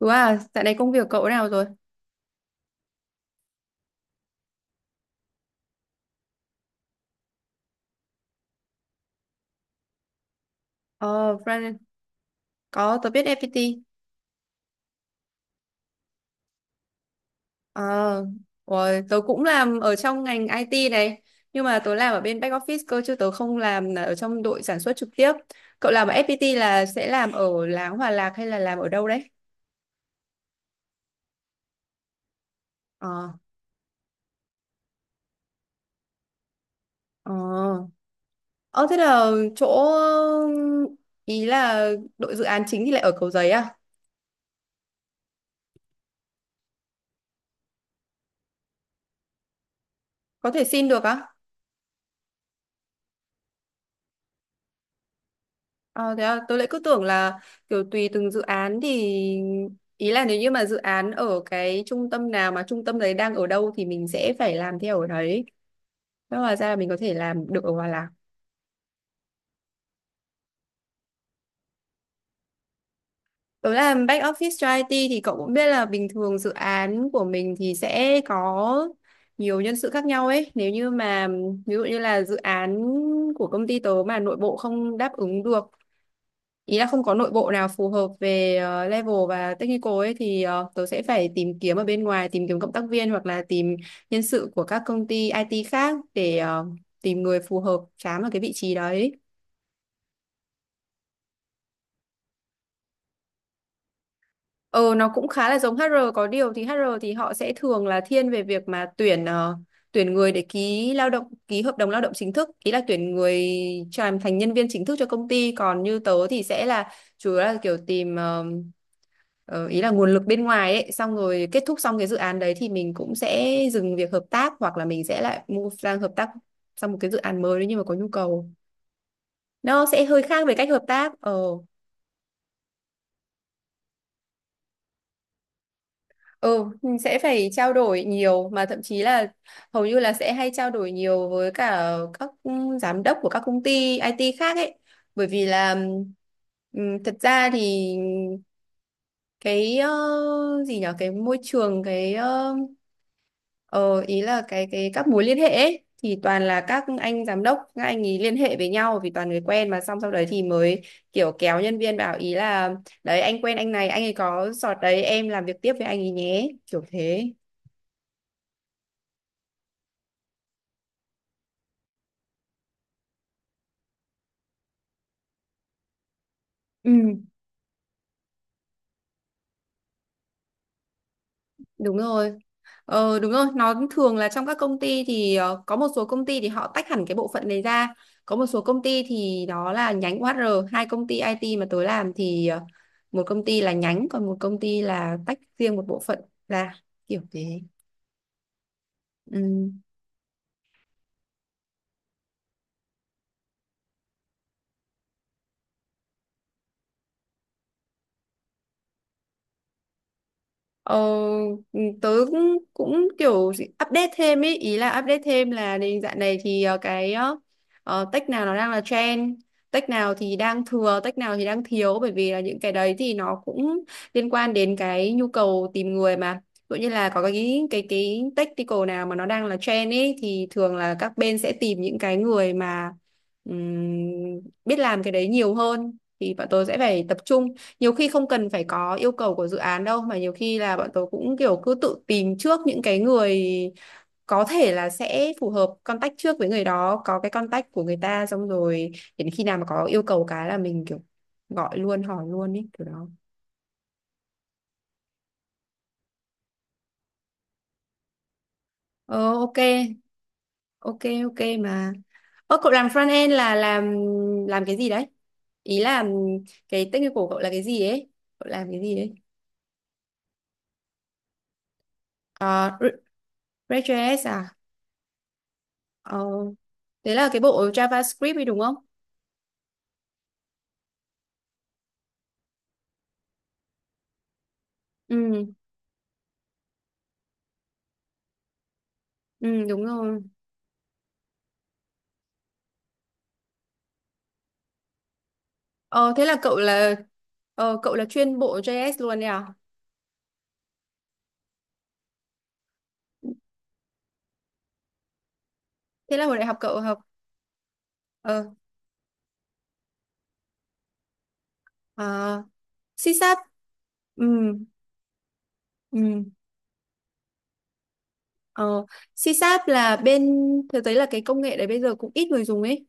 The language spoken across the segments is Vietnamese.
Đúng à, dạo này công việc cậu nào rồi? Ờ, Fran, có, tớ biết FPT. Ờ, rồi, tớ cũng làm ở trong ngành IT này. Nhưng mà tớ làm ở bên back office cơ, chứ tớ không làm là ở trong đội sản xuất trực tiếp. Cậu làm ở FPT là sẽ làm ở Láng Hòa Lạc hay là làm ở đâu đấy? Ờ, ờ. Ờ, thế là chỗ... Ý là đội dự án chính thì lại ở Cầu Giấy à? Có thể xin được á? Ờ, thế à, tôi lại cứ tưởng là kiểu tùy từng dự án thì ý là nếu như mà dự án ở cái trung tâm nào mà trung tâm đấy đang ở đâu thì mình sẽ phải làm theo ở đấy. Thế hóa ra là mình có thể làm được ở Hòa Lạc. Tôi làm back office cho IT thì cậu cũng biết là bình thường dự án của mình thì sẽ có nhiều nhân sự khác nhau ấy. Nếu như mà ví dụ như là dự án của công ty tớ mà nội bộ không đáp ứng được ý là không có nội bộ nào phù hợp về level và technical ấy thì tớ sẽ phải tìm kiếm ở bên ngoài, tìm kiếm cộng tác viên hoặc là tìm nhân sự của các công ty IT khác để tìm người phù hợp chám vào cái vị trí đấy. Ờ nó cũng khá là giống HR, có điều thì HR thì họ sẽ thường là thiên về việc mà tuyển tuyển người để ký lao động, ký hợp đồng lao động chính thức, ý là tuyển người cho làm thành nhân viên chính thức cho công ty. Còn như tớ thì sẽ là chủ yếu là kiểu tìm ý là nguồn lực bên ngoài ấy, xong rồi kết thúc xong cái dự án đấy thì mình cũng sẽ dừng việc hợp tác hoặc là mình sẽ lại move sang hợp tác sang một cái dự án mới nếu như mà có nhu cầu. Nó sẽ hơi khác về cách hợp tác. Ờ, ừ, mình sẽ phải trao đổi nhiều, mà thậm chí là hầu như là sẽ hay trao đổi nhiều với cả các giám đốc của các công ty IT khác ấy. Bởi vì là thật ra thì cái gì nhở, cái môi trường, cái Ờ, ý là cái các mối liên hệ ấy, thì toàn là các anh giám đốc, các anh ý liên hệ với nhau vì toàn người quen mà, xong sau đấy thì mới kiểu kéo nhân viên bảo ý là đấy anh quen anh này, anh ấy có sọt đấy, em làm việc tiếp với anh ấy nhé, kiểu thế. Ừ. Đúng rồi. Ờ đúng rồi, nó thường là trong các công ty thì có một số công ty thì họ tách hẳn cái bộ phận này ra, có một số công ty thì đó là nhánh HR. Hai công ty IT mà tôi làm thì một công ty là nhánh, còn một công ty là tách riêng một bộ phận ra, kiểu thế. Ừ. Ờ, tớ cũng, cũng update thêm ý, ý là update thêm là đến dạo này thì tech nào nó đang là trend, tech nào thì đang thừa, tech nào thì đang thiếu, bởi vì là những cái đấy thì nó cũng liên quan đến cái nhu cầu tìm người mà. Ví dụ như là có cái technical nào mà nó đang là trend ấy thì thường là các bên sẽ tìm những cái người mà biết làm cái đấy nhiều hơn, thì bọn tôi sẽ phải tập trung. Nhiều khi không cần phải có yêu cầu của dự án đâu, mà nhiều khi là bọn tớ cũng kiểu cứ tự tìm trước những cái người có thể là sẽ phù hợp, contact trước với người đó, có cái contact của người ta, xong rồi đến khi nào mà có yêu cầu cái là mình kiểu gọi luôn, hỏi luôn ý, kiểu đó. Ờ ok. Ok. Ok mà. Ơ cậu làm front end là làm cái gì đấy, ý là cái technical của cậu là cái gì ấy, cậu làm cái gì đấy? Ờ, Re- React.js à? Ờ thế là cái bộ JavaScript ấy, đúng không? Ừ, ừ đúng rồi. Ờ thế là cậu là cậu là chuyên bộ JS luôn đấy à? Thế là hồi đại học cậu học ờ à, CSAT. Ừ ừ ờ CSAT là bên thực tế là cái công nghệ đấy bây giờ cũng ít người dùng ấy,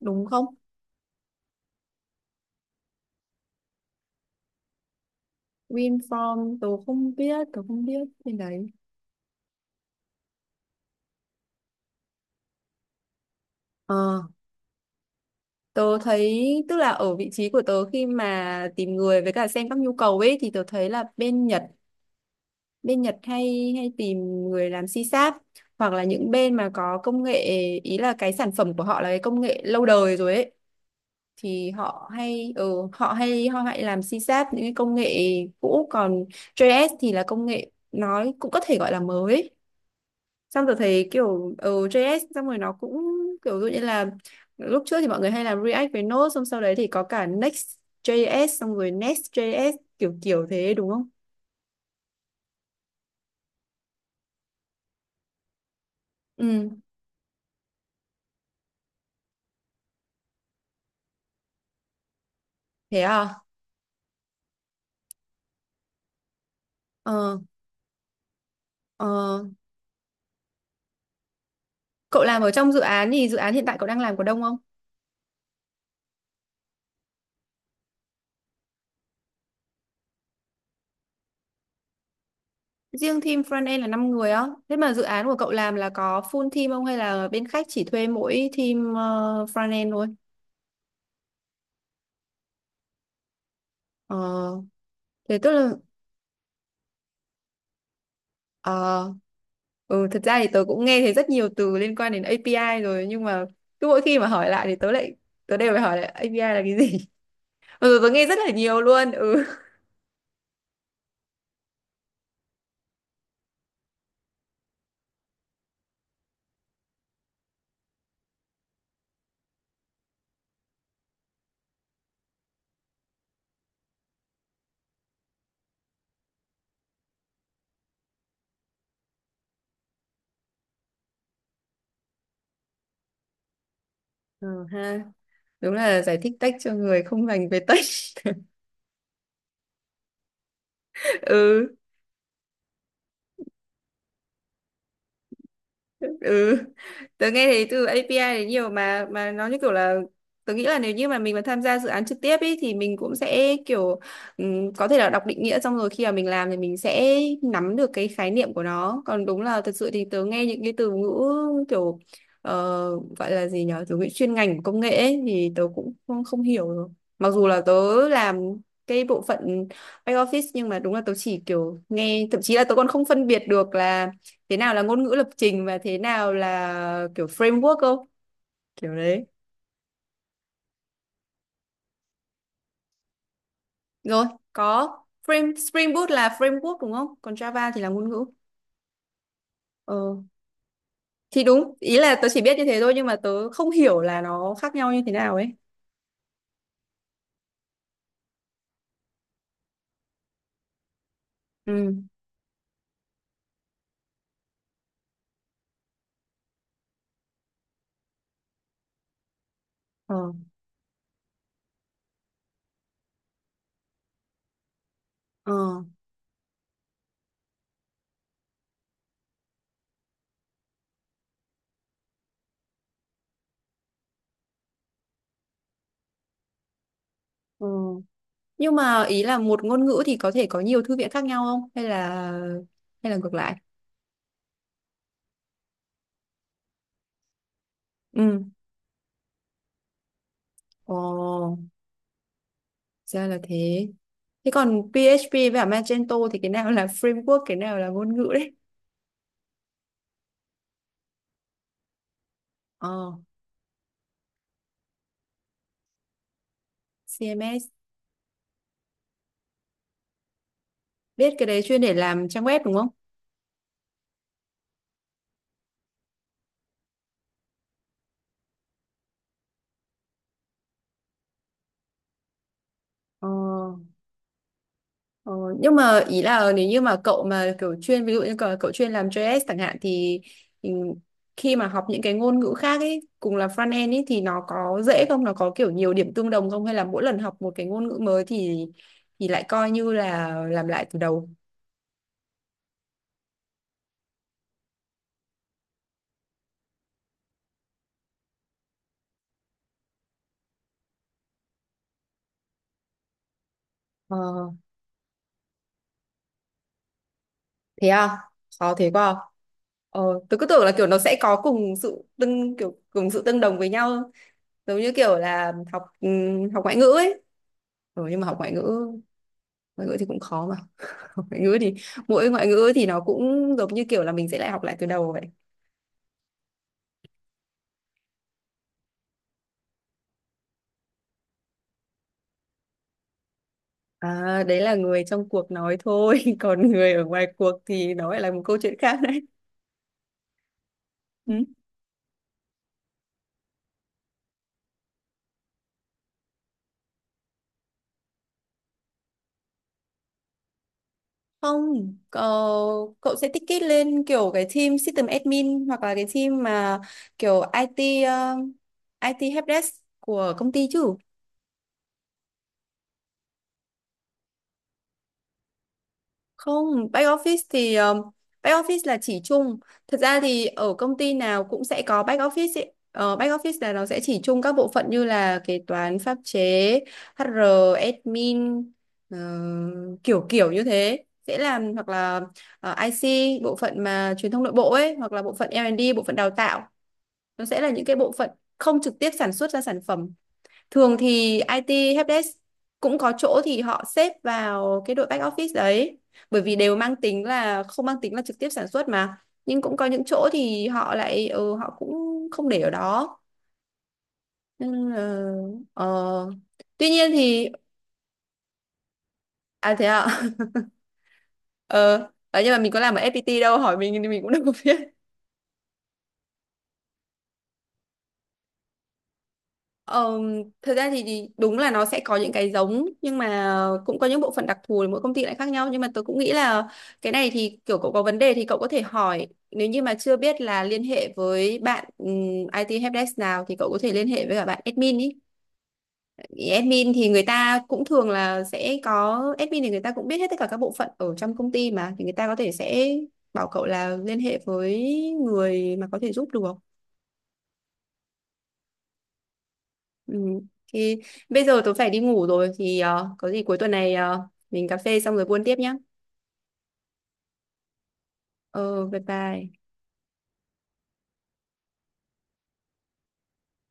đúng không? WinForm tớ không biết bên đấy. Ờ Tớ thấy, tức là ở vị trí của tớ khi mà tìm người với cả xem các nhu cầu ấy, thì tớ thấy là bên Nhật, bên Nhật hay hay tìm người làm c sáp hoặc là những bên mà có công nghệ, ý là cái sản phẩm của họ là cái công nghệ lâu đời rồi ấy, thì họ hay họ hay làm c sáp, những cái công nghệ cũ. Còn JS thì là công nghệ nói cũng có thể gọi là mới. Xong rồi thấy kiểu JS, xong rồi nó cũng kiểu dụ như là lúc trước thì mọi người hay làm React với Node, xong sau đấy thì có cả Next.js, xong rồi Next.js kiểu kiểu thế, đúng không? Ừ, thế à? Ờ, ờ. Cậu làm ở trong dự án thì dự án hiện tại cậu đang làm có đông không? Riêng team front end là 5 người á. Thế mà dự án của cậu làm là có full team không hay là bên khách chỉ thuê mỗi team front end thôi? Ờ, thế tức là ờ, ừ, thật ra thì tớ cũng nghe thấy rất nhiều từ liên quan đến API rồi, nhưng mà cứ mỗi khi mà hỏi lại thì tớ đều phải hỏi lại API là cái gì. Mặc dù tớ nghe rất là nhiều luôn. Ừ. Ừ ha. Đúng là giải thích tech cho người không dành về tech. Ừ. ừ Tớ nghe thấy từ API đấy nhiều, mà nó như kiểu là tớ nghĩ là nếu như mà mình mà tham gia dự án trực tiếp ấy thì mình cũng sẽ kiểu có thể là đọc định nghĩa, xong rồi khi mà mình làm thì mình sẽ nắm được cái khái niệm của nó. Còn đúng là thật sự thì tớ nghe những cái từ ngữ kiểu ờ, gọi là gì nhở, từ ngữ chuyên ngành của công nghệ ấy, thì tớ cũng không hiểu rồi. Mặc dù là tớ làm cái bộ phận back office, nhưng mà đúng là tớ chỉ kiểu nghe, thậm chí là tớ còn không phân biệt được là thế nào là ngôn ngữ lập trình và thế nào là kiểu framework không, kiểu đấy. Rồi, có Spring Boot là framework đúng không, còn Java thì là ngôn ngữ. ờ thì đúng ý là tớ chỉ biết như thế thôi, nhưng mà tớ không hiểu là nó khác nhau như thế nào ấy. ừ ờ ờ ờ nhưng mà ý là một ngôn ngữ thì có thể có nhiều thư viện khác nhau không, hay là hay là ngược lại? Ừ ồ Ra là thế. Thế còn PHP và Magento thì cái nào là framework, cái nào là ngôn ngữ đấy? ờ CMS? Biết, cái đấy chuyên để làm trang web đúng không? Ờ, ờ, nhưng mà ý là nếu như mà cậu mà kiểu chuyên, ví dụ như cậu chuyên làm JS chẳng hạn, thì thì khi mà học những cái ngôn ngữ khác ấy cùng là front end ấy, thì nó có dễ không? Nó có kiểu nhiều điểm tương đồng không? Hay là mỗi lần học một cái ngôn ngữ mới thì lại coi như là làm lại từ đầu? Ờ, thế à? Khó thế quá. À? Ờ, tôi cứ tưởng là kiểu nó sẽ có cùng sự tương đồng với nhau, giống như kiểu là học học ngoại ngữ ấy, rồi nhưng mà học ngoại ngữ, ngoại ngữ thì cũng khó mà. Học ngoại ngữ thì mỗi ngoại ngữ thì nó cũng giống như kiểu là mình sẽ lại học lại từ đầu vậy. À, đấy là người trong cuộc nói thôi. Còn người ở ngoài cuộc thì nó lại là một câu chuyện khác đấy. Ừ. Không cậu, cậu sẽ tích kết lên kiểu cái team system admin, hoặc là cái team mà kiểu IT helpdesk của công ty chứ. Không, back office thì back office là chỉ chung. Thật ra thì ở công ty nào cũng sẽ có back office ấy. Ờ, back office là nó sẽ chỉ chung các bộ phận như là kế toán, pháp chế, HR, admin, ờ, kiểu kiểu như thế. Sẽ làm hoặc là IC, bộ phận mà truyền thông nội bộ ấy, hoặc là bộ phận L&D, bộ phận đào tạo. Nó sẽ là những cái bộ phận không trực tiếp sản xuất ra sản phẩm. Thường thì IT helpdesk cũng có chỗ thì họ xếp vào cái đội back office đấy. Bởi vì đều mang tính là không mang tính là trực tiếp sản xuất mà. Nhưng cũng có những chỗ thì họ lại họ cũng không để ở đó. Nên là, ờ. Tuy nhiên thì à thế ạ. Ờ, đấy, nhưng mà mình có làm ở FPT đâu, hỏi mình thì mình cũng đâu có biết. Ờ, thật ra thì đúng là nó sẽ có những cái giống, nhưng mà cũng có những bộ phận đặc thù thì mỗi công ty lại khác nhau. Nhưng mà tôi cũng nghĩ là cái này thì kiểu cậu có vấn đề thì cậu có thể hỏi, nếu như mà chưa biết là liên hệ với bạn IT helpdesk nào, thì cậu có thể liên hệ với cả bạn admin ý. Admin thì người ta cũng thường là sẽ có, admin thì người ta cũng biết hết tất cả các bộ phận ở trong công ty mà, thì người ta có thể sẽ bảo cậu là liên hệ với người mà có thể giúp được. Ừ. Thì bây giờ tôi phải đi ngủ rồi thì có gì cuối tuần này mình cà phê xong rồi buôn tiếp nhá. Ờ bye bye.